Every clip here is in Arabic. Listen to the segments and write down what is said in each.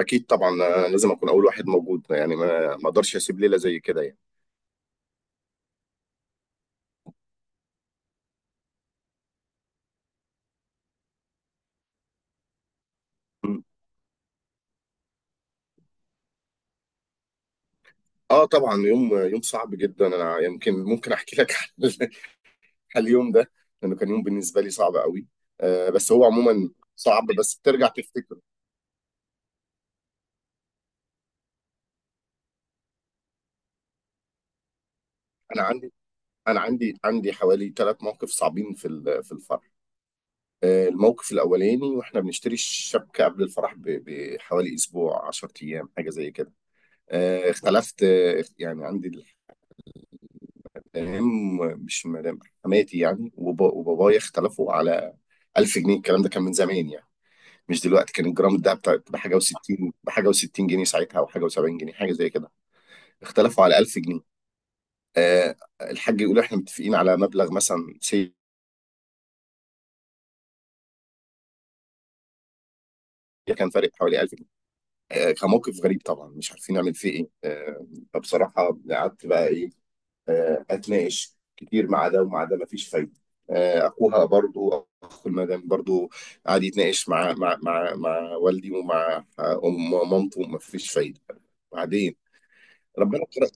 اكيد طبعا. أنا لازم اكون اول واحد موجود يعني ما اقدرش اسيب ليله زي كده يعني. م. اه طبعا، يوم يوم صعب جدا. انا يمكن ممكن احكي لك على ال- على اليوم ده، لانه كان يوم بالنسبه لي صعب قوي. بس هو عموما صعب، بس بترجع تفتكره. انا عندي انا عندي عندي حوالي ثلاث مواقف صعبين في الفرح. الموقف الاولاني، واحنا بنشتري الشبكه قبل الفرح بحوالي اسبوع، 10 ايام، حاجه زي كده. اختلفت، يعني عندي، فاهم؟ مش مدام حماتي يعني وبابايا اختلفوا على 1000 جنيه. الكلام ده كان من زمان يعني، مش دلوقتي. كان الجرام ده بحاجه و60 جنيه ساعتها، او حاجه و70 جنيه، حاجه زي كده. اختلفوا على 1000 جنيه. الحاج يقول احنا متفقين على مبلغ مثلا سي، كان فارق حوالي 1000 جنيه. كان موقف غريب طبعا، مش عارفين نعمل فيه ايه. فبصراحه، قعدت بقى ايه، اتناقش كتير مع ده ومع ده، مفيش فايده. اخوها برضو، اخو المدام برضو، قعد يتناقش مع والدي ومع، ام مامته، مفيش فايده. بعدين ربنا كرم.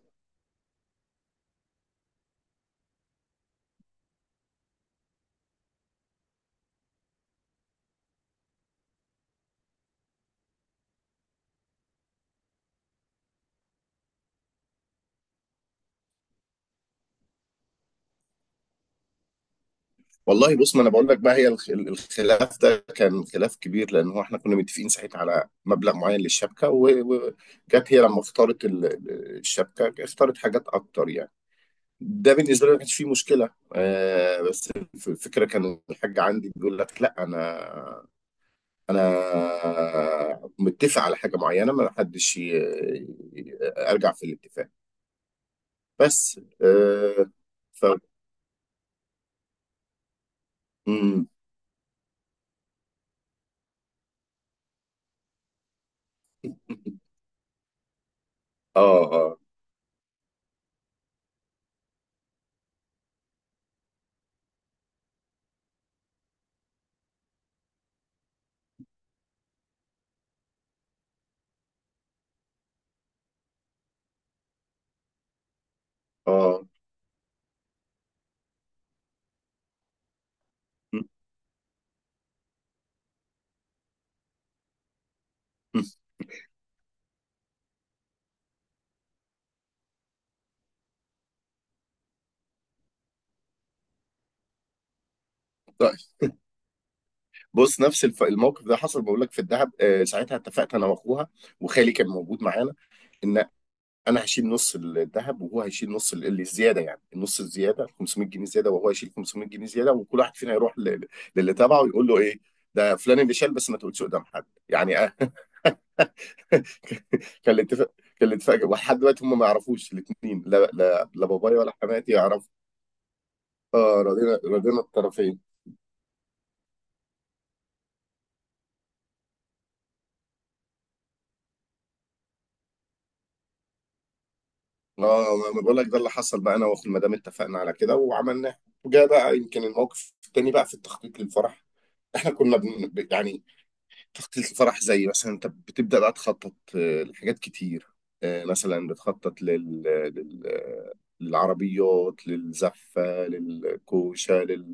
والله بص، ما انا بقول لك بقى، هي الخلاف ده كان خلاف كبير، لان هو احنا كنا متفقين ساعتها على مبلغ معين للشبكه، وجت هي لما اختارت الشبكه، اختارت حاجات اكتر يعني. ده بالنسبه لي ما كانش فيه مشكله. بس الفكره، كان الحاج عندي بيقول لك: لا، انا، انا متفق على حاجه معينه، ما حدش ي- ارجع في الاتفاق. بس. آه ف مم. اه اه. اه مم. طيب، بص. نفس الموقف ده حصل، بقول لك في الدهب. ساعتها اتفقت انا واخوها، وخالي كان موجود معانا، ان انا هشيل نص الذهب، وهو هيشيل نص اللي الزياده، يعني النص الزياده 500 جنيه زياده، وهو هيشيل 500 جنيه زياده، وكل واحد فينا يروح للي تبعه يقول له ايه: ده فلان اللي شال، بس ما تقولش قدام حد يعني. كان الاتفاق. ولحد دلوقتي هم ما يعرفوش، الاثنين، لا لا لا، بابايا ولا حماتي يعرفوا. اه، رضينا، رضينا الطرفين. اه، ما بقول لك، ده اللي حصل بقى. انا واخو المدام اتفقنا على كده وعملناه. وجا بقى يمكن الموقف التاني بقى في التخطيط للفرح. احنا كنا يعني، تخطيط الفرح، زي مثلا انت بتبدأ بقى تخطط لحاجات كتير. مثلا بتخطط للعربيات، للزفة، للكوشة،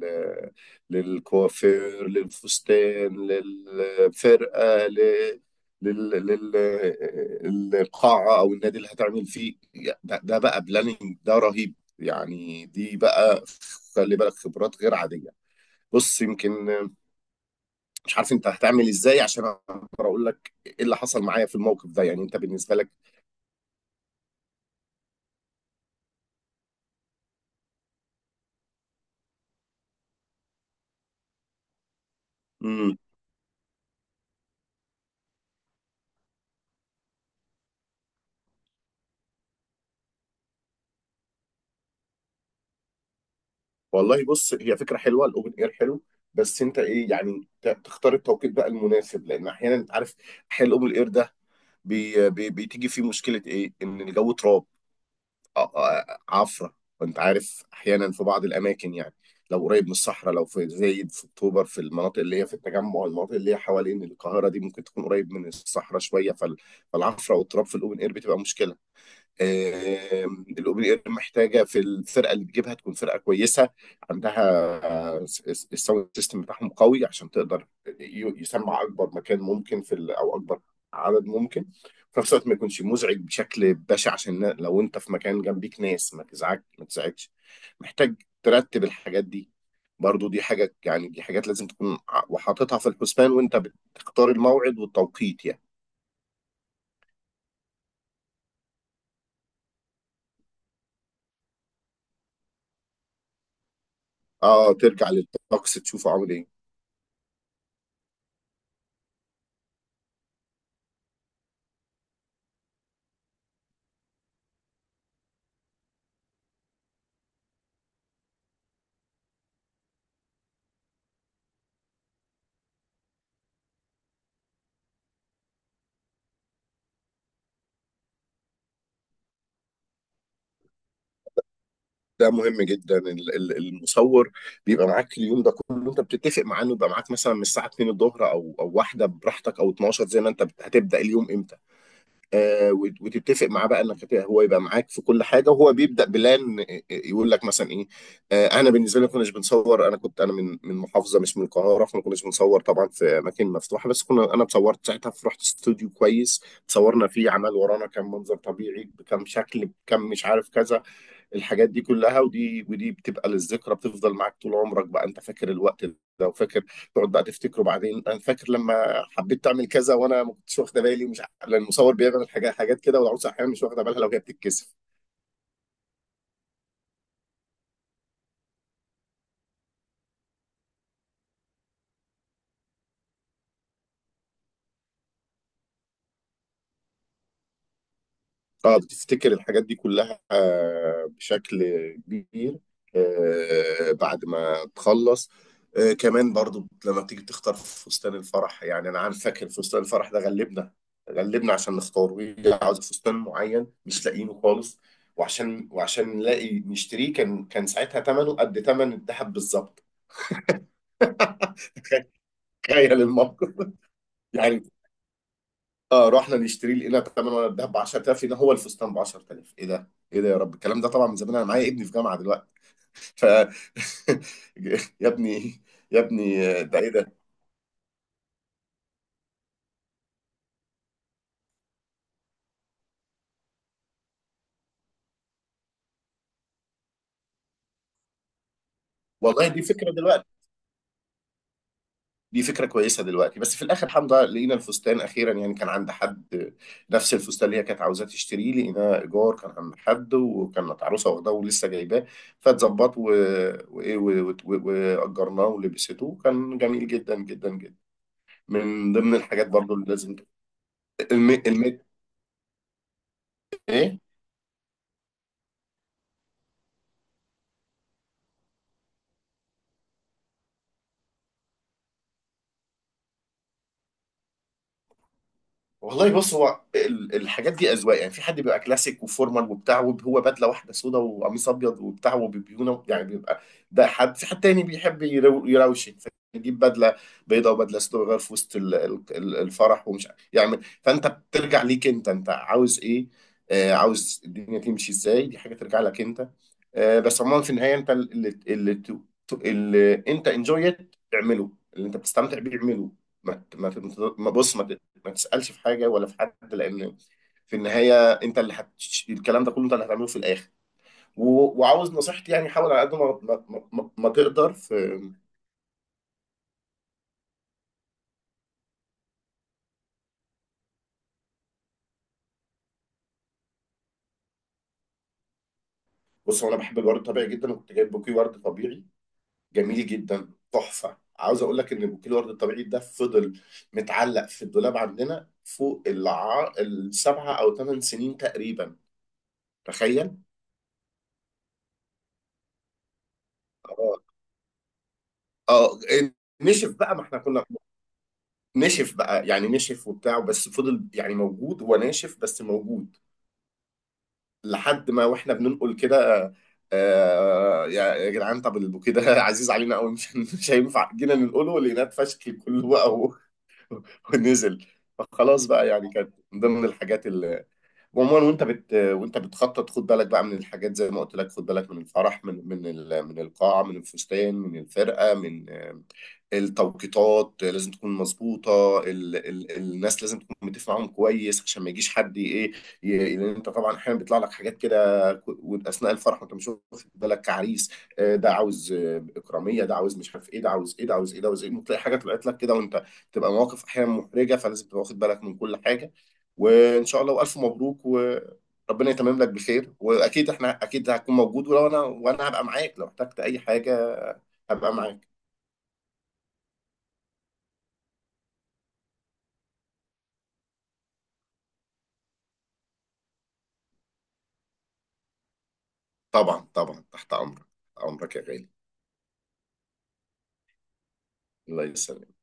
للكوافير، للفستان، للفرقة، القاعة أو النادي اللي هتعمل فيه. ده بقى بلاننج، ده رهيب يعني. دي بقى، خلي بالك، خبرات غير عادية. بص، يمكن مش عارف انت هتعمل ازاي، عشان اقدر اقول لك ايه اللي حصل معايا في الموقف ده، يعني انت بالنسبه لك. امم. والله بص، هي فكره حلوه، الاوبن اير حلو. بس انت ايه يعني، تختار التوقيت بقى المناسب، لان احيانا انت عارف، احيانا الاوبن اير ده بي بي بتيجي فيه مشكله ايه، ان الجو تراب، عفره. وانت عارف احيانا في بعض الاماكن يعني، لو قريب من الصحراء، لو في زايد، في اكتوبر، في المناطق اللي هي في التجمع، المناطق اللي هي حوالين القاهره دي، ممكن تكون قريب من الصحراء شويه، فالعفره والتراب في الاوبن اير بتبقى مشكله. الاوبن اير محتاجه، في الفرقه اللي تجيبها تكون فرقه كويسه، عندها الساوند سيستم بتاعهم قوي، عشان تقدر يسمع اكبر مكان ممكن في او اكبر عدد ممكن، في نفس الوقت ما يكونش مزعج بشكل بشع، عشان لو انت في مكان جنبيك ناس، ما تزعجش. محتاج ترتب الحاجات دي. برضو دي حاجة، يعني دي حاجات لازم تكون وحاططها في الحسبان، وانت بتختار الموعد والتوقيت يعني. اه، ترجع للطقس تشوفه عامل ايه. ده مهم جدا، المصور بيبقى معاك اليوم ده كله. انت بتتفق معاه انه يبقى معاك، مثلا من الساعه 2 الظهر، او واحده براحتك، او 12، زي ما انت هتبدا اليوم امتى. وتتفق معاه بقى انك هو يبقى معاك في كل حاجه. وهو بيبدا بلان، يقول لك مثلا ايه. انا بالنسبه لي ما كناش بنصور. انا كنت انا من محافظه، مش من القاهره، فما كناش بنصور طبعا في اماكن مفتوحه. بس كنا، انا اتصورت ساعتها، في، رحت استوديو كويس، اتصورنا فيه، عمل ورانا كام منظر طبيعي بكام شكل بكام، مش عارف كذا. الحاجات دي كلها، ودي بتبقى للذكرى، بتفضل معاك طول عمرك. بقى انت فاكر الوقت ده وفاكر، تقعد بقى تفتكره بعدين. انا فاكر لما حبيت تعمل كذا وانا ما كنتش واخده بالي، مش لان المصور بيعمل حاجات، كده، والعروسه احيانا مش واخده بالها لو هي بتتكسف. اه بتفتكر الحاجات دي كلها، بشكل كبير، بعد ما تخلص. كمان برضو، لما بتيجي تختار فستان الفرح، يعني انا عارف، فاكر فستان الفرح ده غلبنا، عشان نختاره. هي عاوزه فستان معين مش لاقيينه خالص، وعشان نلاقي نشتريه، كان ساعتها ثمنه قد ثمن الذهب بالظبط. تخيل الموقف يعني. اه، رحنا نشتري، لقينا تمن ورق الذهب ب 10000، لقينا هو الفستان ب 10000. ايه ده؟ ايه ده يا رب؟ الكلام ده طبعا من زمان، انا معايا ابني في جامعه دلوقتي. ف يا ابني، يا ابني، ده ايه ده؟ والله، دي فكره كويسه دلوقتي. بس في الاخر الحمد لله لقينا الفستان اخيرا، يعني كان عند حد، نفس الفستان اللي هي كانت عاوزاه تشتريه، لقيناه ايجار، كان عند حد، وكانت عروسه واخداه ولسه جايباه. فاتظبط واجرناه ولبسته، وكان جميل جدا جدا جدا. من ضمن الحاجات برضو اللي لازم. الميت الميت. ايه، والله بص، هو الحاجات دي اذواق يعني. في حد بيبقى كلاسيك وفورمال وبتاع، وهو بدله واحده سودا وقميص ابيض وبتاع وبيونه، يعني بيبقى ده حد. في حد تاني بيحب يروشن، فيجيب بدله بيضاء وبدله سودا، ويغير في وسط الفرح، ومش عارف يعمل. فانت بترجع ليك انت، عاوز ايه، عاوز الدنيا تمشي ازاي. دي حاجه ترجع لك انت. بس عموما في النهايه، انت اللي انت انجويت اعمله، اللي انت بتستمتع بيه اعمله. ما ت- ما ت- ما- بص ما ما تسألش في حاجة ولا في حد، لأن في النهاية أنت الكلام ده كله أنت اللي هتعمله في الآخر. و... وعاوز نصيحتي يعني، حاول على قد ما ما تقدر في. بص، هو أنا بحب الورد الطبيعي جدا، وكنت جايب بوكيه ورد طبيعي جميل جدا، تحفة. عاوز أقول لك إن بوكيه الورد الطبيعي ده فضل متعلق في الدولاب عندنا فوق 7 أو 8 سنين تقريبا. تخيل. اه اه. نشف بقى، ما احنا كنا نشف بقى يعني نشف وبتاع، بس فضل يعني موجود، هو ناشف بس موجود، لحد ما، واحنا بننقل كده. آه، يا جدعان، طب البوكيه ده عزيز علينا قوي، مش مش هينفع. جينا ننقله لقيناه اتفشكل كله بقى، ونزل. فخلاص بقى، يعني كانت من ضمن الحاجات. عموما وانت وانت بتخطط، خد بالك بقى من الحاجات زي ما قلت لك. خد بالك من الفرح، من من القاعه، من الفستان، من الفرقه، من، التوقيتات لازم تكون مظبوطه، الناس لازم تكون متفق معاهم كويس، عشان ما يجيش حد ايه، لان انت طبعا احيانا بيطلع لك حاجات كده واثناء الفرح وانت مش واخد بالك كعريس. ده عاوز اكراميه، ده عاوز مش عارف ايه، ده عاوز ايه، ده عاوز ايه، ده عاوز ايه، ممكن تلاقي حاجه طلعت لك كده وانت تبقى. مواقف احيانا محرجه، فلازم تبقى واخد بالك من كل حاجه. وان شاء الله، والف مبروك، وربنا يتمم لك بخير. واكيد احنا، هتكون موجود، ولو، انا هبقى معاك لو احتجت اي حاجه، هبقى معاك. طبعا طبعا، تحت امرك، تحت امرك يا غالي. الله يسلمك.